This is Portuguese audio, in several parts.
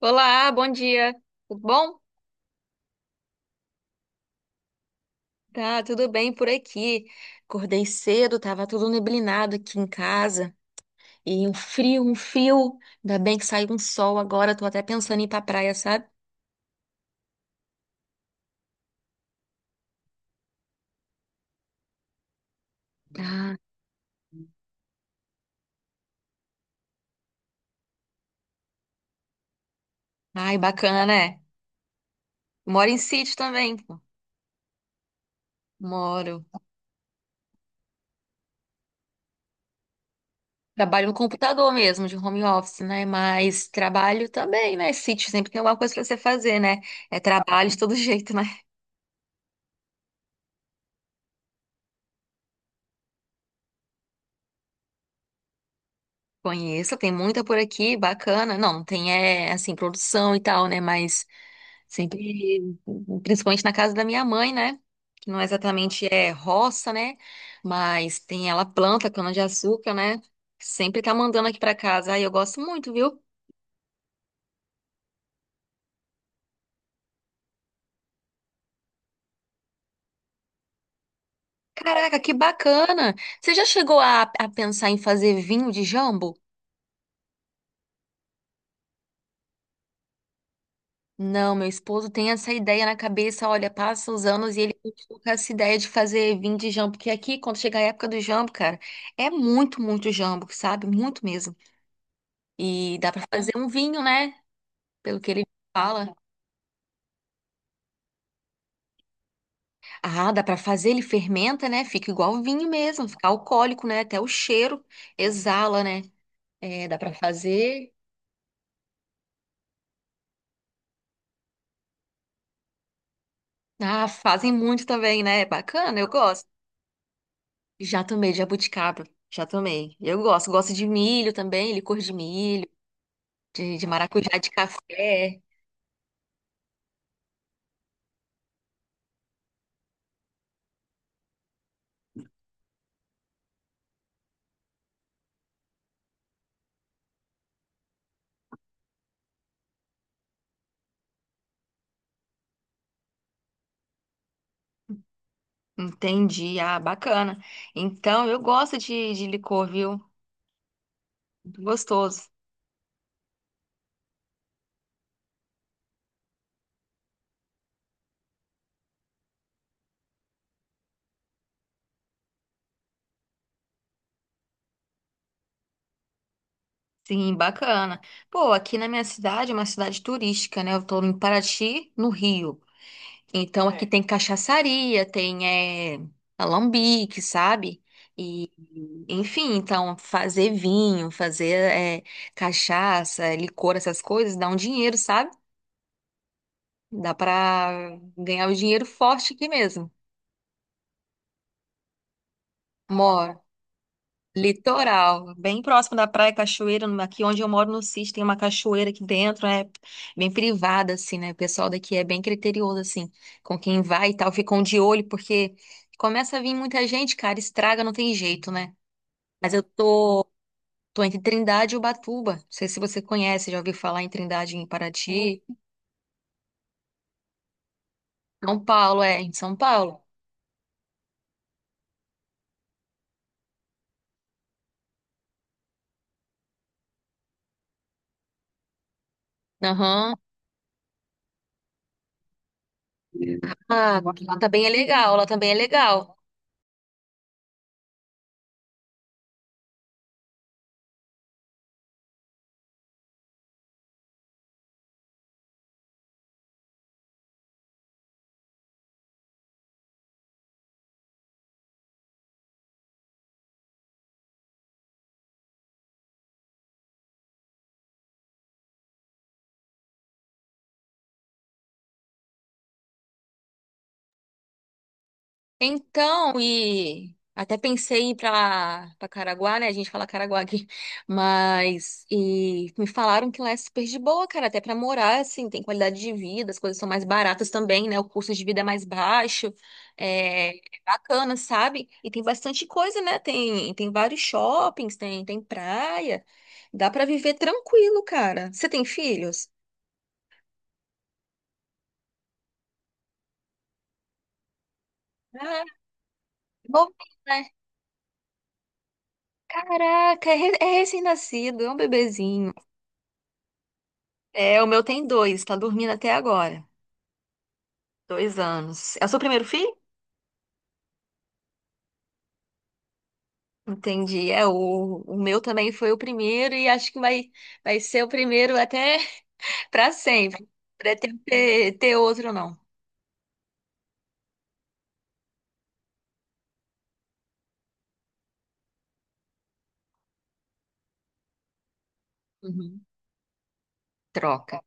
Olá, bom dia. Tudo bom? Tá, tudo bem por aqui. Acordei cedo, tava tudo neblinado aqui em casa. E um frio, um frio. Ainda bem que saiu um sol agora, tô até pensando em ir pra praia, sabe? Ah, ai, bacana, né? Moro em sítio também, pô. Moro. Trabalho no computador mesmo, de home office, né? Mas trabalho também, né? Sítio sempre tem alguma coisa pra você fazer, né? É trabalho de todo jeito, né? Conheço, tem muita por aqui, bacana. Não, não tem, assim, produção e tal, né? Mas sempre, principalmente na casa da minha mãe, né? Que não exatamente é roça, né? Mas tem ela planta cana-de-açúcar, né? Sempre tá mandando aqui pra casa. Ai, eu gosto muito, viu? Caraca, que bacana! Você já chegou a pensar em fazer vinho de jambo? Não, meu esposo tem essa ideia na cabeça. Olha, passa os anos e ele continua com essa ideia de fazer vinho de jambo. Porque aqui, quando chega a época do jambo, cara, é muito, muito jambo, sabe? Muito mesmo. E dá pra fazer um vinho, né? Pelo que ele fala. Ah, dá pra fazer, ele fermenta, né? Fica igual vinho mesmo, fica alcoólico, né? Até o cheiro exala, né? É, dá pra fazer. Ah, fazem muito também, né? É, bacana, eu gosto. Já tomei de jabuticaba, já tomei. Eu gosto, gosto de milho também, licor de milho, de maracujá de café. Entendi, ah, bacana. Então, eu gosto de licor, viu? Muito gostoso. Sim, bacana. Pô, aqui na minha cidade, é uma cidade turística, né? Eu tô em Paraty, no Rio. Então aqui tem cachaçaria, tem alambique, sabe? Enfim, então fazer vinho, fazer cachaça, licor, essas coisas, dá um dinheiro, sabe? Dá pra ganhar o dinheiro forte aqui mesmo. Moro. Litoral, bem próximo da praia, cachoeira, aqui onde eu moro no Cis, tem uma cachoeira aqui dentro, é bem privada, assim, né? O pessoal daqui é bem criterioso, assim, com quem vai e tal, ficam de olho, porque começa a vir muita gente, cara, estraga, não tem jeito, né? Mas eu tô entre Trindade e Ubatuba, não sei se você conhece, já ouviu falar em Trindade, em Paraty, São Paulo, em São Paulo. Aham, ah, lá também é legal, lá também é legal. Então, e até pensei em ir pra Caraguá, né? A gente fala Caraguá aqui. Mas, e me falaram que lá é super de boa, cara. Até pra morar, assim, tem qualidade de vida, as coisas são mais baratas também, né? O custo de vida é mais baixo. É, é bacana, sabe? E tem bastante coisa, né? Tem vários shoppings, tem praia. Dá pra viver tranquilo, cara. Você tem filhos? Ah, novinho, né? Caraca, é recém-nascido, é um bebezinho. É, o meu tem dois, tá dormindo até agora. 2 anos. É o seu primeiro filho? Entendi. É, o meu também foi o primeiro e acho que vai ser o primeiro até pra sempre. Pretendo ter outro, não. Uhum. Troca.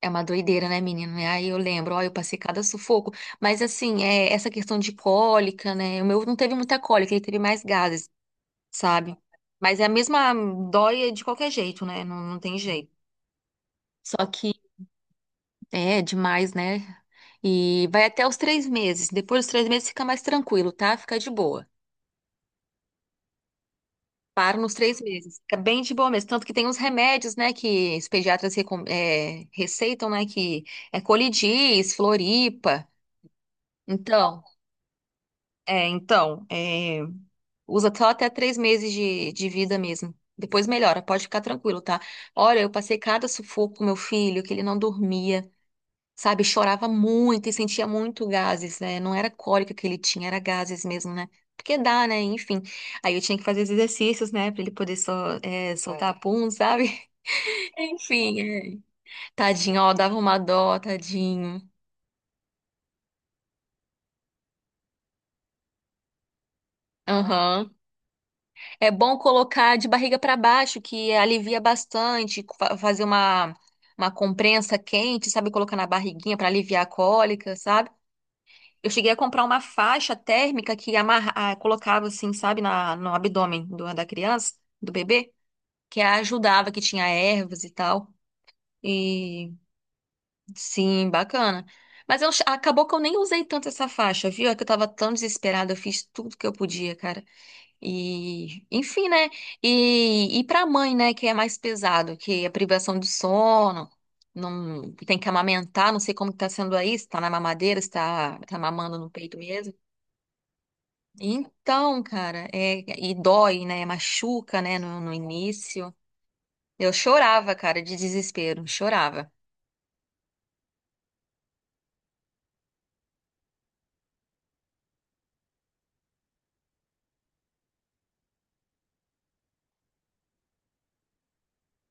É uma doideira, né, menino? Aí eu lembro, ó, eu passei cada sufoco. Mas assim, essa questão de cólica, né? O meu não teve muita cólica, ele teve mais gases, sabe? Mas é a mesma dói de qualquer jeito, né? Não, não tem jeito. Só que é demais, né? E vai até os 3 meses. Depois dos 3 meses fica mais tranquilo, tá? Fica de boa. Para nos 3 meses. Fica bem de boa mesmo. Tanto que tem uns remédios, né? Que os pediatras receitam, né? Que é colidis, floripa. Então, então, usa só até 3 meses de vida mesmo. Depois melhora, pode ficar tranquilo, tá? Olha, eu passei cada sufoco com meu filho, que ele não dormia, sabe? Chorava muito e sentia muito gases, né? Não era cólica que ele tinha, era gases mesmo, né? Porque dá, né? Enfim. Aí eu tinha que fazer os exercícios, né? Pra ele poder soltar pum, sabe? Enfim. Tadinho, ó, dava uma dó, tadinho. Aham. É bom colocar de barriga pra baixo, que alivia bastante, fazer uma comprensa quente, sabe? Colocar na barriguinha pra aliviar a cólica, sabe? Eu cheguei a comprar uma faixa térmica que amarra, ah, colocava assim, sabe, no abdômen da criança, do bebê, que ajudava, que tinha ervas e tal. E sim, bacana. Mas acabou que eu nem usei tanto essa faixa, viu? É que eu tava tão desesperada, eu fiz tudo que eu podia, cara. E, enfim, né? E pra mãe, né, que é mais pesado, que é a privação do sono, não tem que amamentar, não sei como que tá sendo aí, se tá na mamadeira, se tá mamando no peito mesmo. Então, cara, e dói, né? Machuca, né? No início. Eu chorava, cara, de desespero, chorava.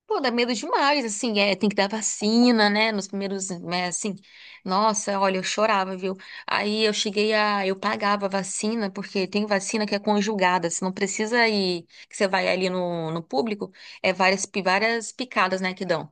Pô, dá medo demais, assim, tem que dar vacina, né? Nos primeiros, né, assim, nossa, olha, eu chorava, viu? Aí eu cheguei a, eu pagava a vacina, porque tem vacina que é conjugada, você não precisa ir, que você vai ali no público, é várias, várias picadas, né, que dão.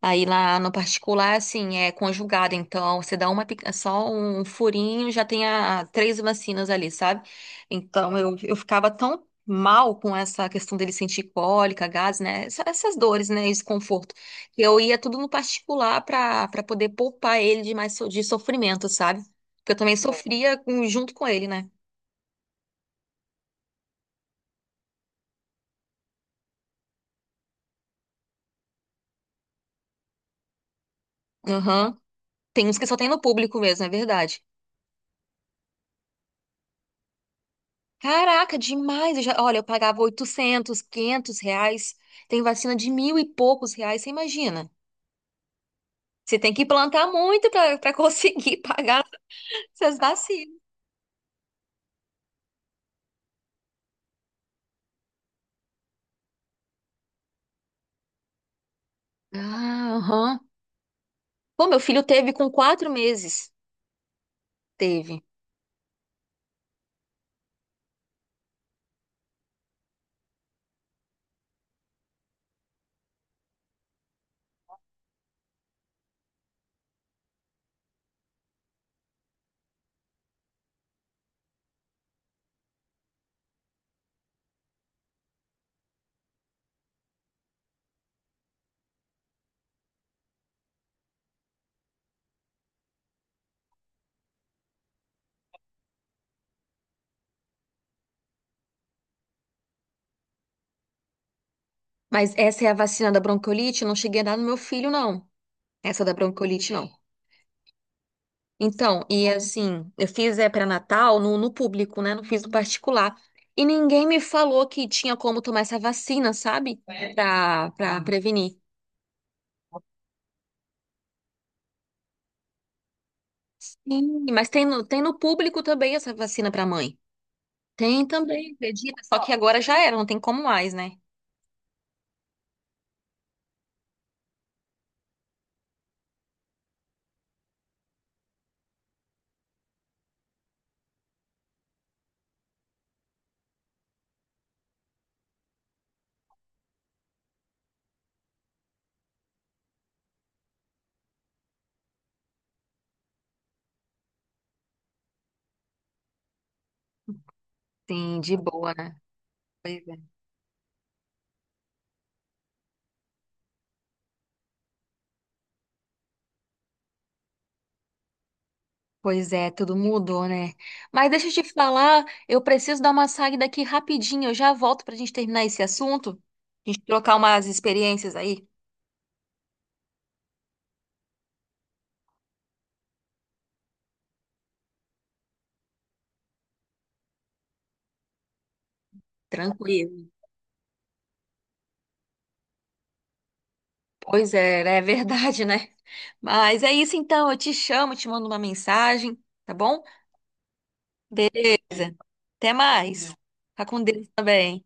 Aí lá no particular, assim, é conjugado, então você dá uma, só um furinho, já tem três vacinas ali, sabe? Então eu ficava tão mal com essa questão dele sentir cólica, gases, né? Essas dores, né? Esse conforto. Que eu ia tudo no particular para poder poupar ele de mais de sofrimento, sabe? Porque eu também sofria junto com ele, né? Aham. Tem uns que só tem no público mesmo, é verdade. Caraca, demais! Eu já, olha, eu pagava 800, R$ 500. Tem vacina de mil e poucos reais, você imagina? Você tem que plantar muito para conseguir pagar essas vacinas. Ah, aham. Pô, meu filho teve com 4 meses. Teve. Mas essa é a vacina da bronquiolite? Eu não cheguei a dar no meu filho, não. Essa da bronquiolite, não. Então, e assim, eu fiz é pré-natal no público, né? Não fiz no particular. E ninguém me falou que tinha como tomar essa vacina, sabe? Pra prevenir. Sim, mas tem no público também essa vacina para mãe. Tem também, acredita? Só que agora já era, não tem como mais, né? Sim, de boa, né? Pois é, tudo mudou, né? Mas deixa eu te falar, eu preciso dar uma saída aqui rapidinho, eu já volto pra gente terminar esse assunto, a gente trocar umas experiências aí. Tranquilo. Pois é, né? É verdade, né? Mas é isso então, eu te chamo, te mando uma mensagem, tá bom? Beleza. Até mais. Fica com Deus também.